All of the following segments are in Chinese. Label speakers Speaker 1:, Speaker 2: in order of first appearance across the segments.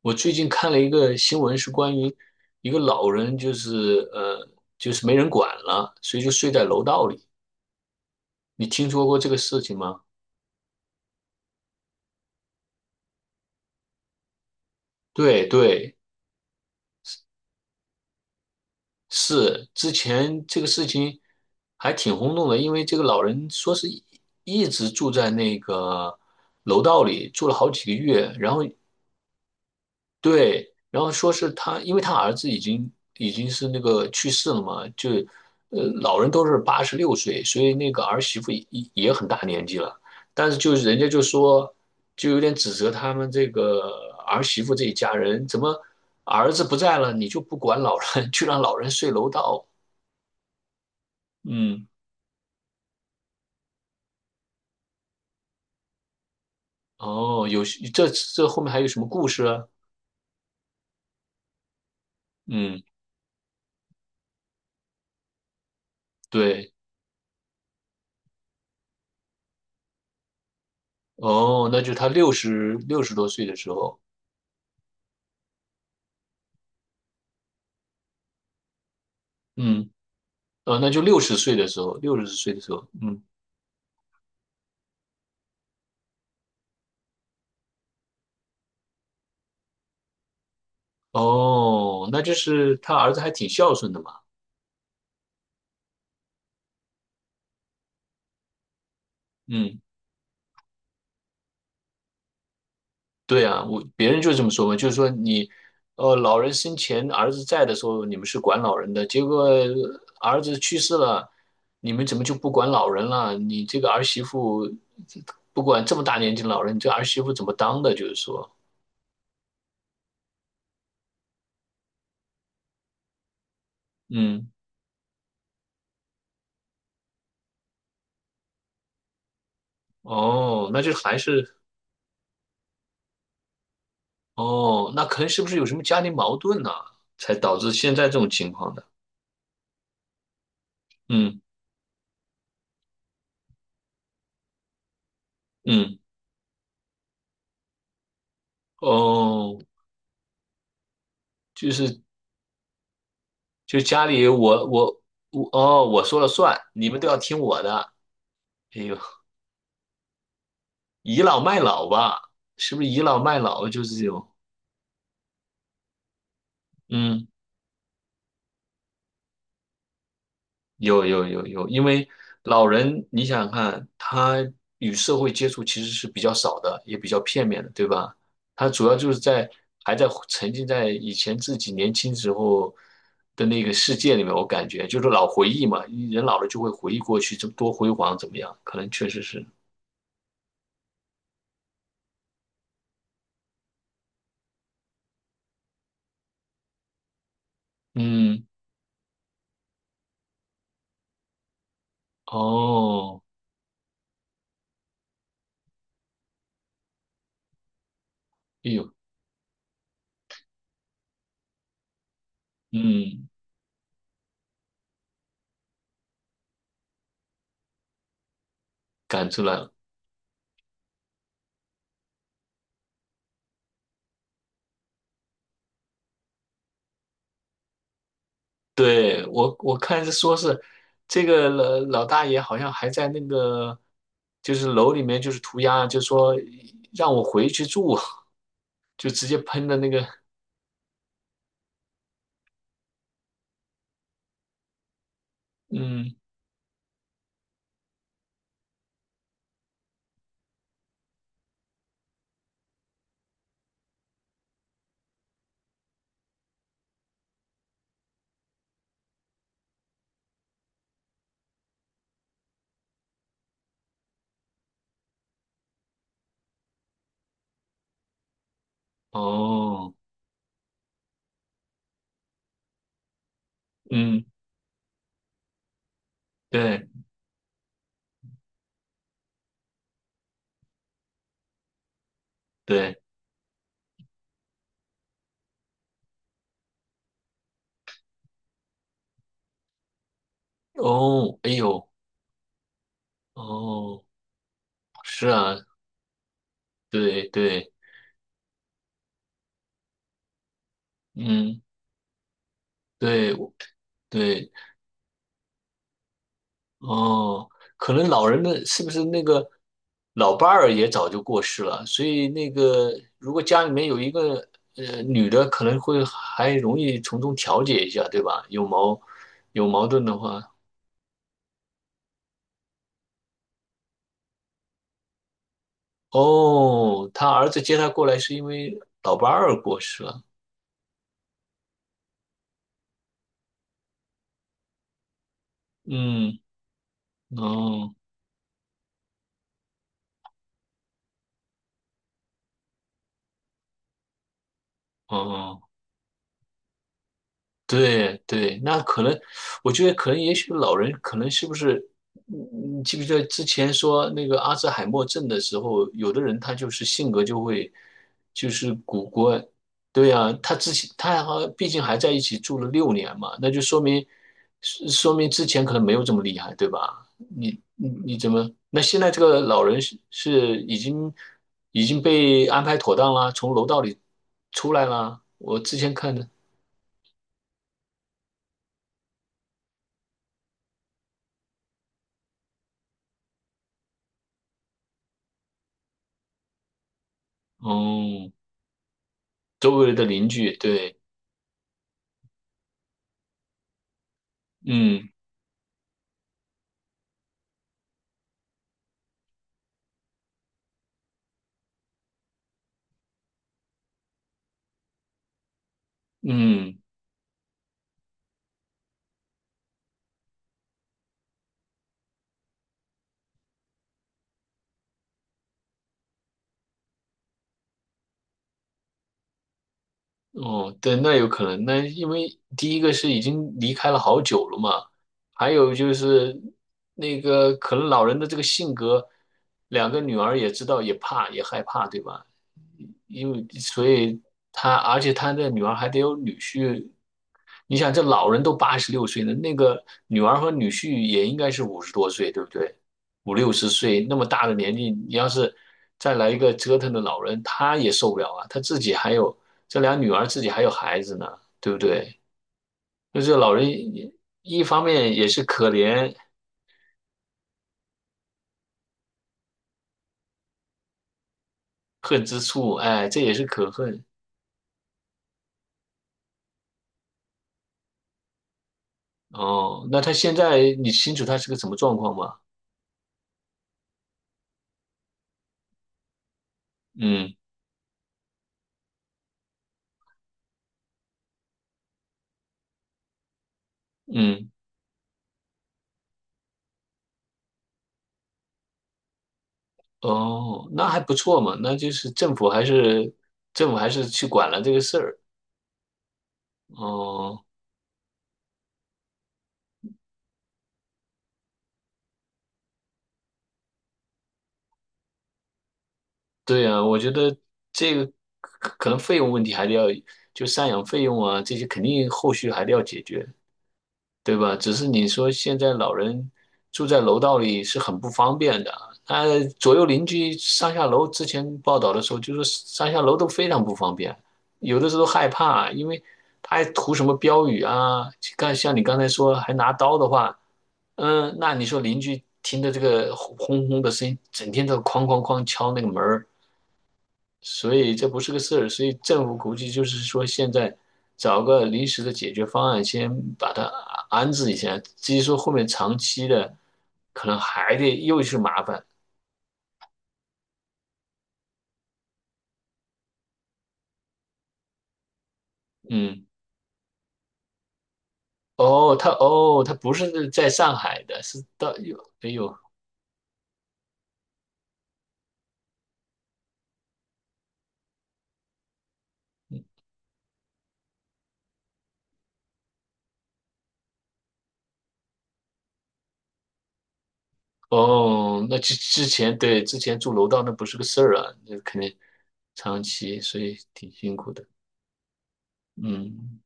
Speaker 1: 我最近看了一个新闻，是关于一个老人，就是就是没人管了，所以就睡在楼道里。你听说过这个事情吗？对对，是之前这个事情还挺轰动的，因为这个老人说是一直住在那个楼道里，住了好几个月，然后对，然后说是他，因为他儿子已经是那个去世了嘛，就呃老人都是八十六岁，所以那个儿媳妇也也很大年纪了，但是就是人家就说，就有点指责他们这个儿媳妇这一家人，怎么儿子不在了，你就不管老人，去让老人睡楼道？嗯，哦，有这后面还有什么故事啊？嗯，对，哦，那就是他六十多岁的时候，嗯。呃，那就六十岁的时候，六十岁的时候，嗯，哦，那就是他儿子还挺孝顺的嘛，嗯，对啊，我别人就这么说嘛，就是说你，呃，老人生前儿子在的时候，你们是管老人的，结果儿子去世了，你们怎么就不管老人了？你这个儿媳妇不管这么大年纪的老人，你这儿媳妇怎么当的？就是说，嗯，哦，那就还是，哦，那可能是不是有什么家庭矛盾呢、才导致现在这种情况的？嗯。嗯，哦，就是就家里我哦，我说了算，你们都要听我的。哎呦，倚老卖老吧，是不是倚老卖老就是这种？嗯有，因为老人，你想想看，他与社会接触其实是比较少的，也比较片面的，对吧？他主要就是在还在沉浸在以前自己年轻时候的那个世界里面，我感觉就是老回忆嘛，人老了就会回忆过去，这多辉煌怎么样？可能确实是，嗯，哦，哎呦，嗯，感出来了。对，我看是说是这个老老大爷好像还在那个就是楼里面就是涂鸦，就说让我回去住，就直接喷的那个，嗯，哦，嗯，对对，哦，哎呦，哦，是啊，对对，嗯，对我对，哦，可能老人的是不是那个老伴儿也早就过世了，所以那个如果家里面有一个女的，可能会还容易从中调解一下，对吧？有矛盾的话，哦，他儿子接他过来是因为老伴儿过世了，嗯，哦哦。哦对对，那可能，我觉得可能，也许老人可能是不是，嗯，你记不记得之前说那个阿兹海默症的时候，有的人他就是性格就会，就是古怪，对呀、他之前他还好毕竟还在一起住了六年嘛，那就说明，是说明之前可能没有这么厉害，对吧？你怎么？那现在这个老人是已经已经被安排妥当啦，从楼道里出来啦，我之前看的，哦、周围的邻居，对，嗯嗯，哦，对，那有可能，那因为第一个是已经离开了好久了嘛，还有就是那个可能老人的这个性格，两个女儿也知道，也怕，也害怕，对吧？因为所以他，而且他的女儿还得有女婿。你想，这老人都八十六岁了，那个女儿和女婿也应该是五十多岁，对不对？五六十岁那么大的年纪，你要是再来一个折腾的老人，他也受不了啊。他自己还有这俩女儿，自己还有孩子呢，对不对？就是老人也一方面也是可怜恨之处，哎，这也是可恨哦。那他现在你清楚他是个什么状况吗？嗯嗯。哦，那还不错嘛，那就是政府还是去管了这个事儿。哦，对呀，我觉得这个可能费用问题还得要，就赡养费用啊这些肯定后续还得要解决，对吧？只是你说现在老人住在楼道里是很不方便的，那左右邻居上下楼，之前报道的时候就说上下楼都非常不方便，有的时候害怕，因为他还涂什么标语啊，像你刚才说还拿刀的话。嗯，那你说邻居听着这个轰轰轰的声音，整天都哐哐哐敲那个门儿，所以这不是个事儿。所以政府估计就是说，现在找个临时的解决方案，先把它安置一下。至于说后面长期的，可能还得又是麻烦。嗯，哦，他不是在上海的，是到有哎呦，哦，那之之前对之前住楼道那不是个事儿啊，那肯定长期，所以挺辛苦的。嗯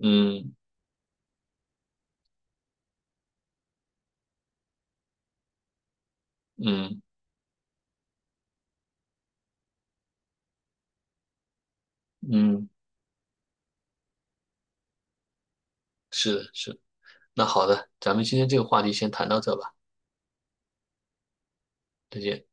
Speaker 1: 嗯嗯嗯。是的，是的那好的，咱们今天这个话题先谈到这吧，再见。